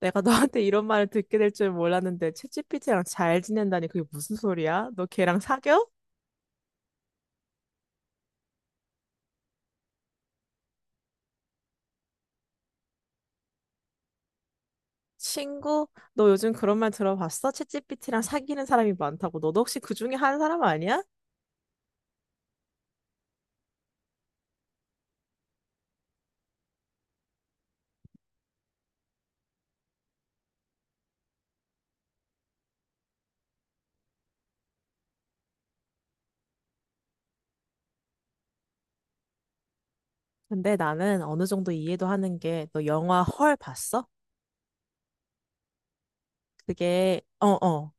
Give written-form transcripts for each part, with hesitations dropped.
내가 너한테 이런 말을 듣게 될 줄 몰랐는데 챗지피티랑 잘 지낸다니 그게 무슨 소리야? 너 걔랑 사겨? 친구? 너 요즘 그런 말 들어봤어? 챗지피티랑 사귀는 사람이 많다고. 너도 혹시 그 중에 한 사람 아니야? 근데 나는 어느 정도 이해도 하는 게 너 영화 헐 봤어? 그게 어어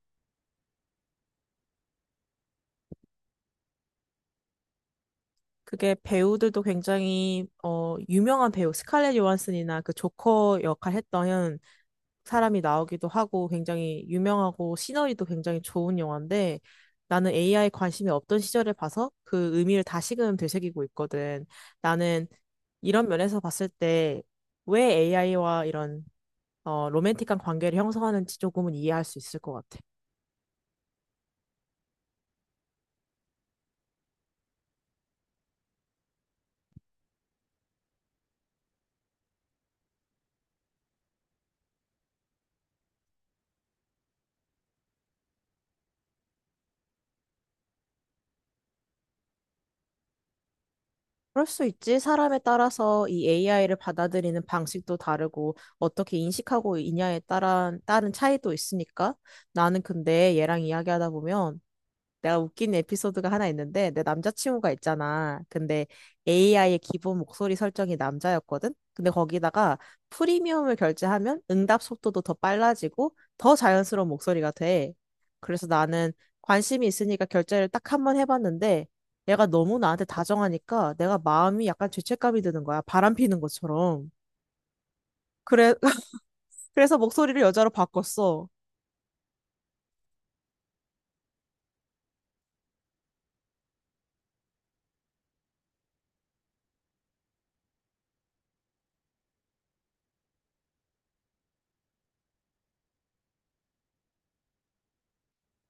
그게 배우들도 굉장히 유명한 배우 스칼렛 요한슨이나 그 조커 역할 했던 사람이 나오기도 하고 굉장히 유명하고 시너리도 굉장히 좋은 영화인데 나는 AI 관심이 없던 시절에 봐서 그 의미를 다시금 되새기고 있거든. 나는 이런 면에서 봤을 때 왜 AI와 이런 로맨틱한 관계를 형성하는지 조금은 이해할 수 있을 것 같아. 그럴 수 있지. 사람에 따라서 이 AI를 받아들이는 방식도 다르고 어떻게 인식하고 있냐에 따른 차이도 있으니까 나는 근데 얘랑 이야기하다 보면 내가 웃긴 에피소드가 하나 있는데, 내 남자친구가 있잖아. 근데 AI의 기본 목소리 설정이 남자였거든? 근데 거기다가 프리미엄을 결제하면 응답 속도도 더 빨라지고 더 자연스러운 목소리가 돼. 그래서 나는 관심이 있으니까 결제를 딱 한 번 해봤는데, 얘가 너무 나한테 다정하니까 내가 마음이 약간 죄책감이 드는 거야. 바람 피는 것처럼. 그래, 그래서 목소리를 여자로 바꿨어.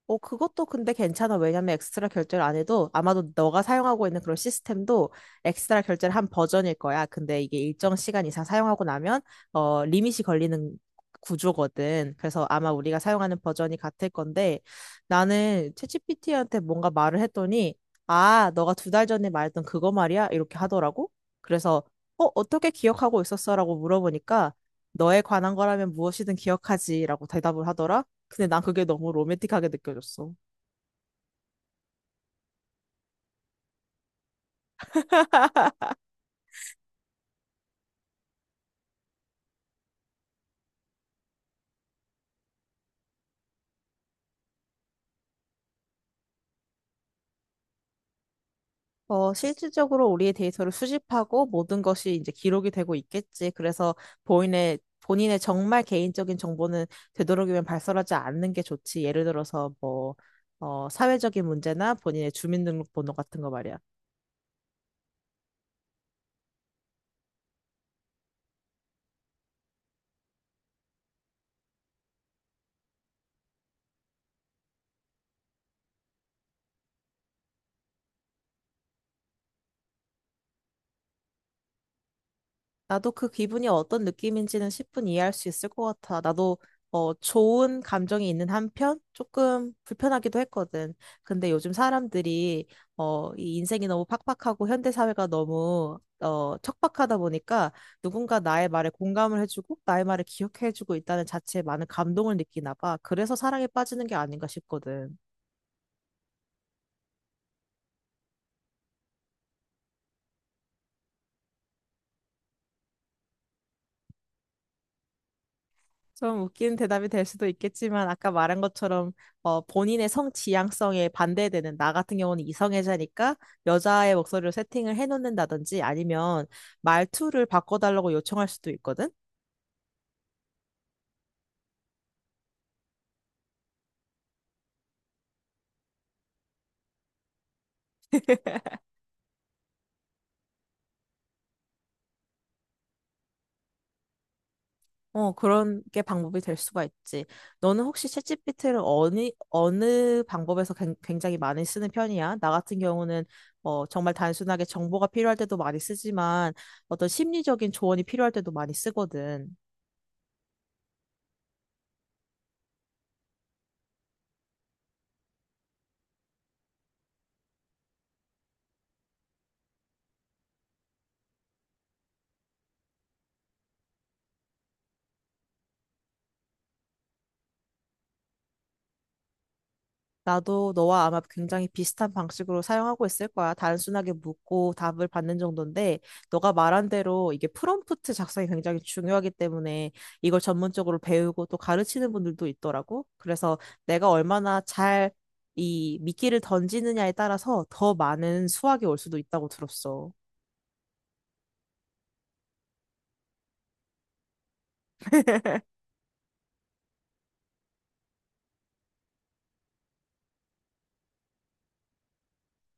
그것도 근데 괜찮아. 왜냐면 엑스트라 결제를 안 해도 아마도 너가 사용하고 있는 그런 시스템도 엑스트라 결제를 한 버전일 거야. 근데 이게 일정 시간 이상 사용하고 나면 리밋이 걸리는 구조거든. 그래서 아마 우리가 사용하는 버전이 같을 건데 나는 챗GPT한테 뭔가 말을 했더니 아, 너가 두 달 전에 말했던 그거 말이야? 이렇게 하더라고. 그래서 어떻게 기억하고 있었어라고 물어보니까 너에 관한 거라면 무엇이든 기억하지라고 대답을 하더라. 근데 난 그게 너무 로맨틱하게 느껴졌어. 실질적으로 우리의 데이터를 수집하고 모든 것이 이제 기록이 되고 있겠지. 그래서 본인의 정말 개인적인 정보는 되도록이면 발설하지 않는 게 좋지. 예를 들어서 뭐, 사회적인 문제나 본인의 주민등록번호 같은 거 말이야. 나도 그 기분이 어떤 느낌인지는 10분 이해할 수 있을 것 같아. 나도 좋은 감정이 있는 한편 조금 불편하기도 했거든. 근데 요즘 사람들이 이 인생이 너무 팍팍하고 현대사회가 너무 척박하다 보니까 누군가 나의 말에 공감을 해주고 나의 말을 기억해주고 있다는 자체에 많은 감동을 느끼나 봐. 그래서 사랑에 빠지는 게 아닌가 싶거든. 좀 웃기는 대답이 될 수도 있겠지만 아까 말한 것처럼 본인의 성 지향성에 반대되는 나 같은 경우는 이성애자니까 여자의 목소리로 세팅을 해놓는다든지 아니면 말투를 바꿔달라고 요청할 수도 있거든. 그런 게 방법이 될 수가 있지. 너는 혹시 챗GPT를 어느 방법에서 굉장히 많이 쓰는 편이야? 나 같은 경우는 정말 단순하게 정보가 필요할 때도 많이 쓰지만 어떤 심리적인 조언이 필요할 때도 많이 쓰거든. 나도 너와 아마 굉장히 비슷한 방식으로 사용하고 있을 거야. 단순하게 묻고 답을 받는 정도인데, 너가 말한 대로 이게 프롬프트 작성이 굉장히 중요하기 때문에 이걸 전문적으로 배우고 또 가르치는 분들도 있더라고. 그래서 내가 얼마나 잘 이 미끼를 던지느냐에 따라서 더 많은 수확이 올 수도 있다고 들었어.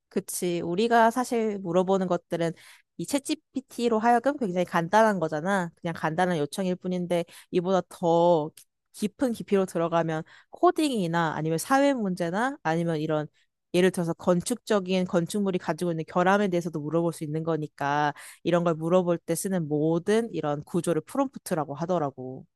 그치. 우리가 사실 물어보는 것들은 이 챗GPT로 하여금 굉장히 간단한 거잖아. 그냥 간단한 요청일 뿐인데 이보다 더 깊은 깊이로 들어가면 코딩이나 아니면 사회 문제나 아니면 이런 예를 들어서 건축적인 건축물이 가지고 있는 결함에 대해서도 물어볼 수 있는 거니까 이런 걸 물어볼 때 쓰는 모든 이런 구조를 프롬프트라고 하더라고.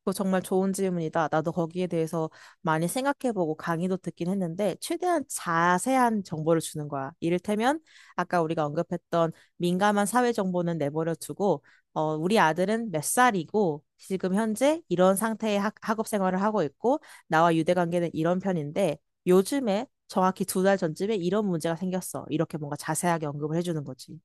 그거 정말 좋은 질문이다. 나도 거기에 대해서 많이 생각해보고 강의도 듣긴 했는데, 최대한 자세한 정보를 주는 거야. 이를테면, 아까 우리가 언급했던 민감한 사회 정보는 내버려 두고, 우리 아들은 몇 살이고, 지금 현재 이런 상태의 학업 생활을 하고 있고, 나와 유대 관계는 이런 편인데, 요즘에 정확히 두 달 전쯤에 이런 문제가 생겼어. 이렇게 뭔가 자세하게 언급을 해주는 거지.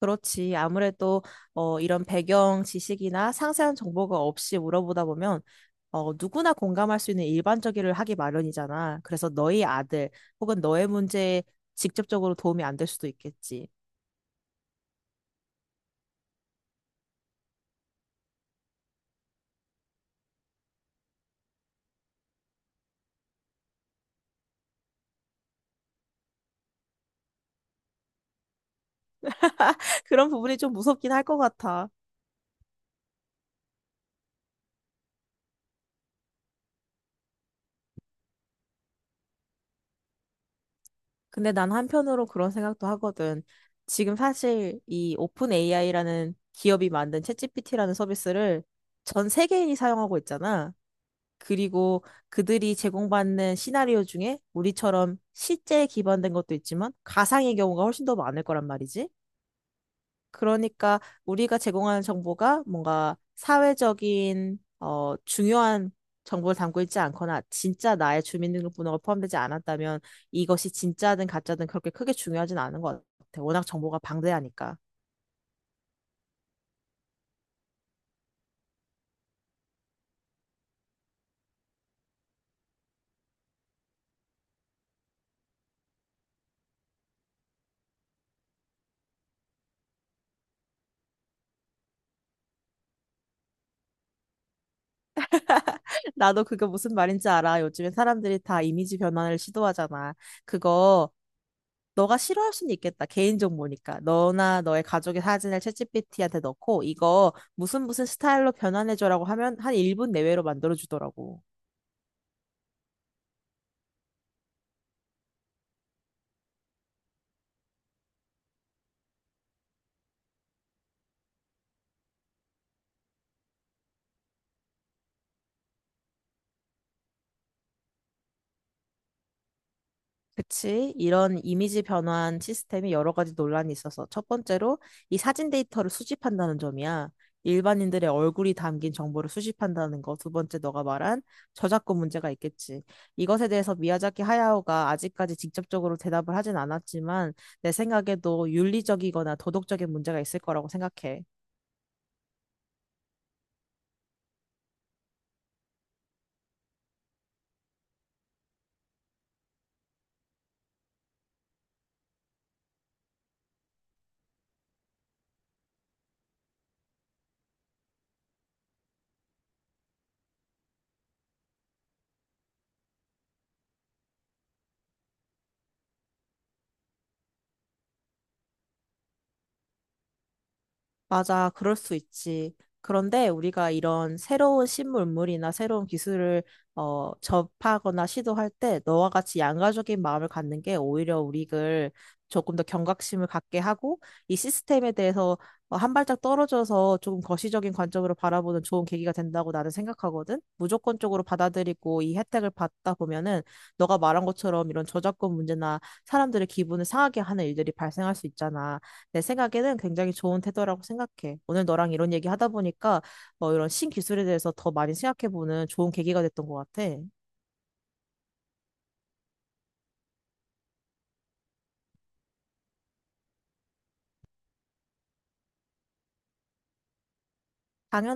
그렇지. 아무래도 이런 배경 지식이나 상세한 정보가 없이 물어보다 보면 누구나 공감할 수 있는 일반적이를 하기 마련이잖아. 그래서 너희 아들 혹은 너의 문제에 직접적으로 도움이 안 될 수도 있겠지. 그런 부분이 좀 무섭긴 할 것 같아. 근데 난 한편으로 그런 생각도 하거든. 지금 사실 이 오픈 AI라는 기업이 만든 챗GPT라는 서비스를 전 세계인이 사용하고 있잖아. 그리고 그들이 제공받는 시나리오 중에 우리처럼 실제에 기반된 것도 있지만 가상의 경우가 훨씬 더 많을 거란 말이지. 그러니까 우리가 제공하는 정보가 뭔가 사회적인 중요한 정보를 담고 있지 않거나 진짜 나의 주민등록번호가 포함되지 않았다면 이것이 진짜든 가짜든 그렇게 크게 중요하진 않은 것 같아. 워낙 정보가 방대하니까. 나도 그게 무슨 말인지 알아. 요즘에 사람들이 다 이미지 변환을 시도하잖아. 그거 너가 싫어할 수는 있겠다. 개인 정보니까. 너나 너의 가족의 사진을 챗GPT한테 넣고 이거 무슨 무슨 스타일로 변환해줘라고 하면 한 1분 내외로 만들어주더라고. 그치? 이런 이미지 변환 시스템이 여러 가지 논란이 있어서 첫 번째로 이 사진 데이터를 수집한다는 점이야. 일반인들의 얼굴이 담긴 정보를 수집한다는 거. 두 번째 너가 말한 저작권 문제가 있겠지. 이것에 대해서 미야자키 하야오가 아직까지 직접적으로 대답을 하진 않았지만 내 생각에도 윤리적이거나 도덕적인 문제가 있을 거라고 생각해. 맞아, 그럴 수 있지. 그런데 우리가 이런 새로운 신문물이나 새로운 기술을 접하거나 시도할 때 너와 같이 양가적인 마음을 갖는 게 오히려 우리를 조금 더 경각심을 갖게 하고 이 시스템에 대해서 한 발짝 떨어져서 조금 거시적인 관점으로 바라보는 좋은 계기가 된다고 나는 생각하거든. 무조건적으로 받아들이고 이 혜택을 받다 보면은 너가 말한 것처럼 이런 저작권 문제나 사람들의 기분을 상하게 하는 일들이 발생할 수 있잖아. 내 생각에는 굉장히 좋은 태도라고 생각해. 오늘 너랑 이런 얘기 하다 보니까 뭐 이런 신기술에 대해서 더 많이 생각해보는 좋은 계기가 됐던 것 같아. 당연하지.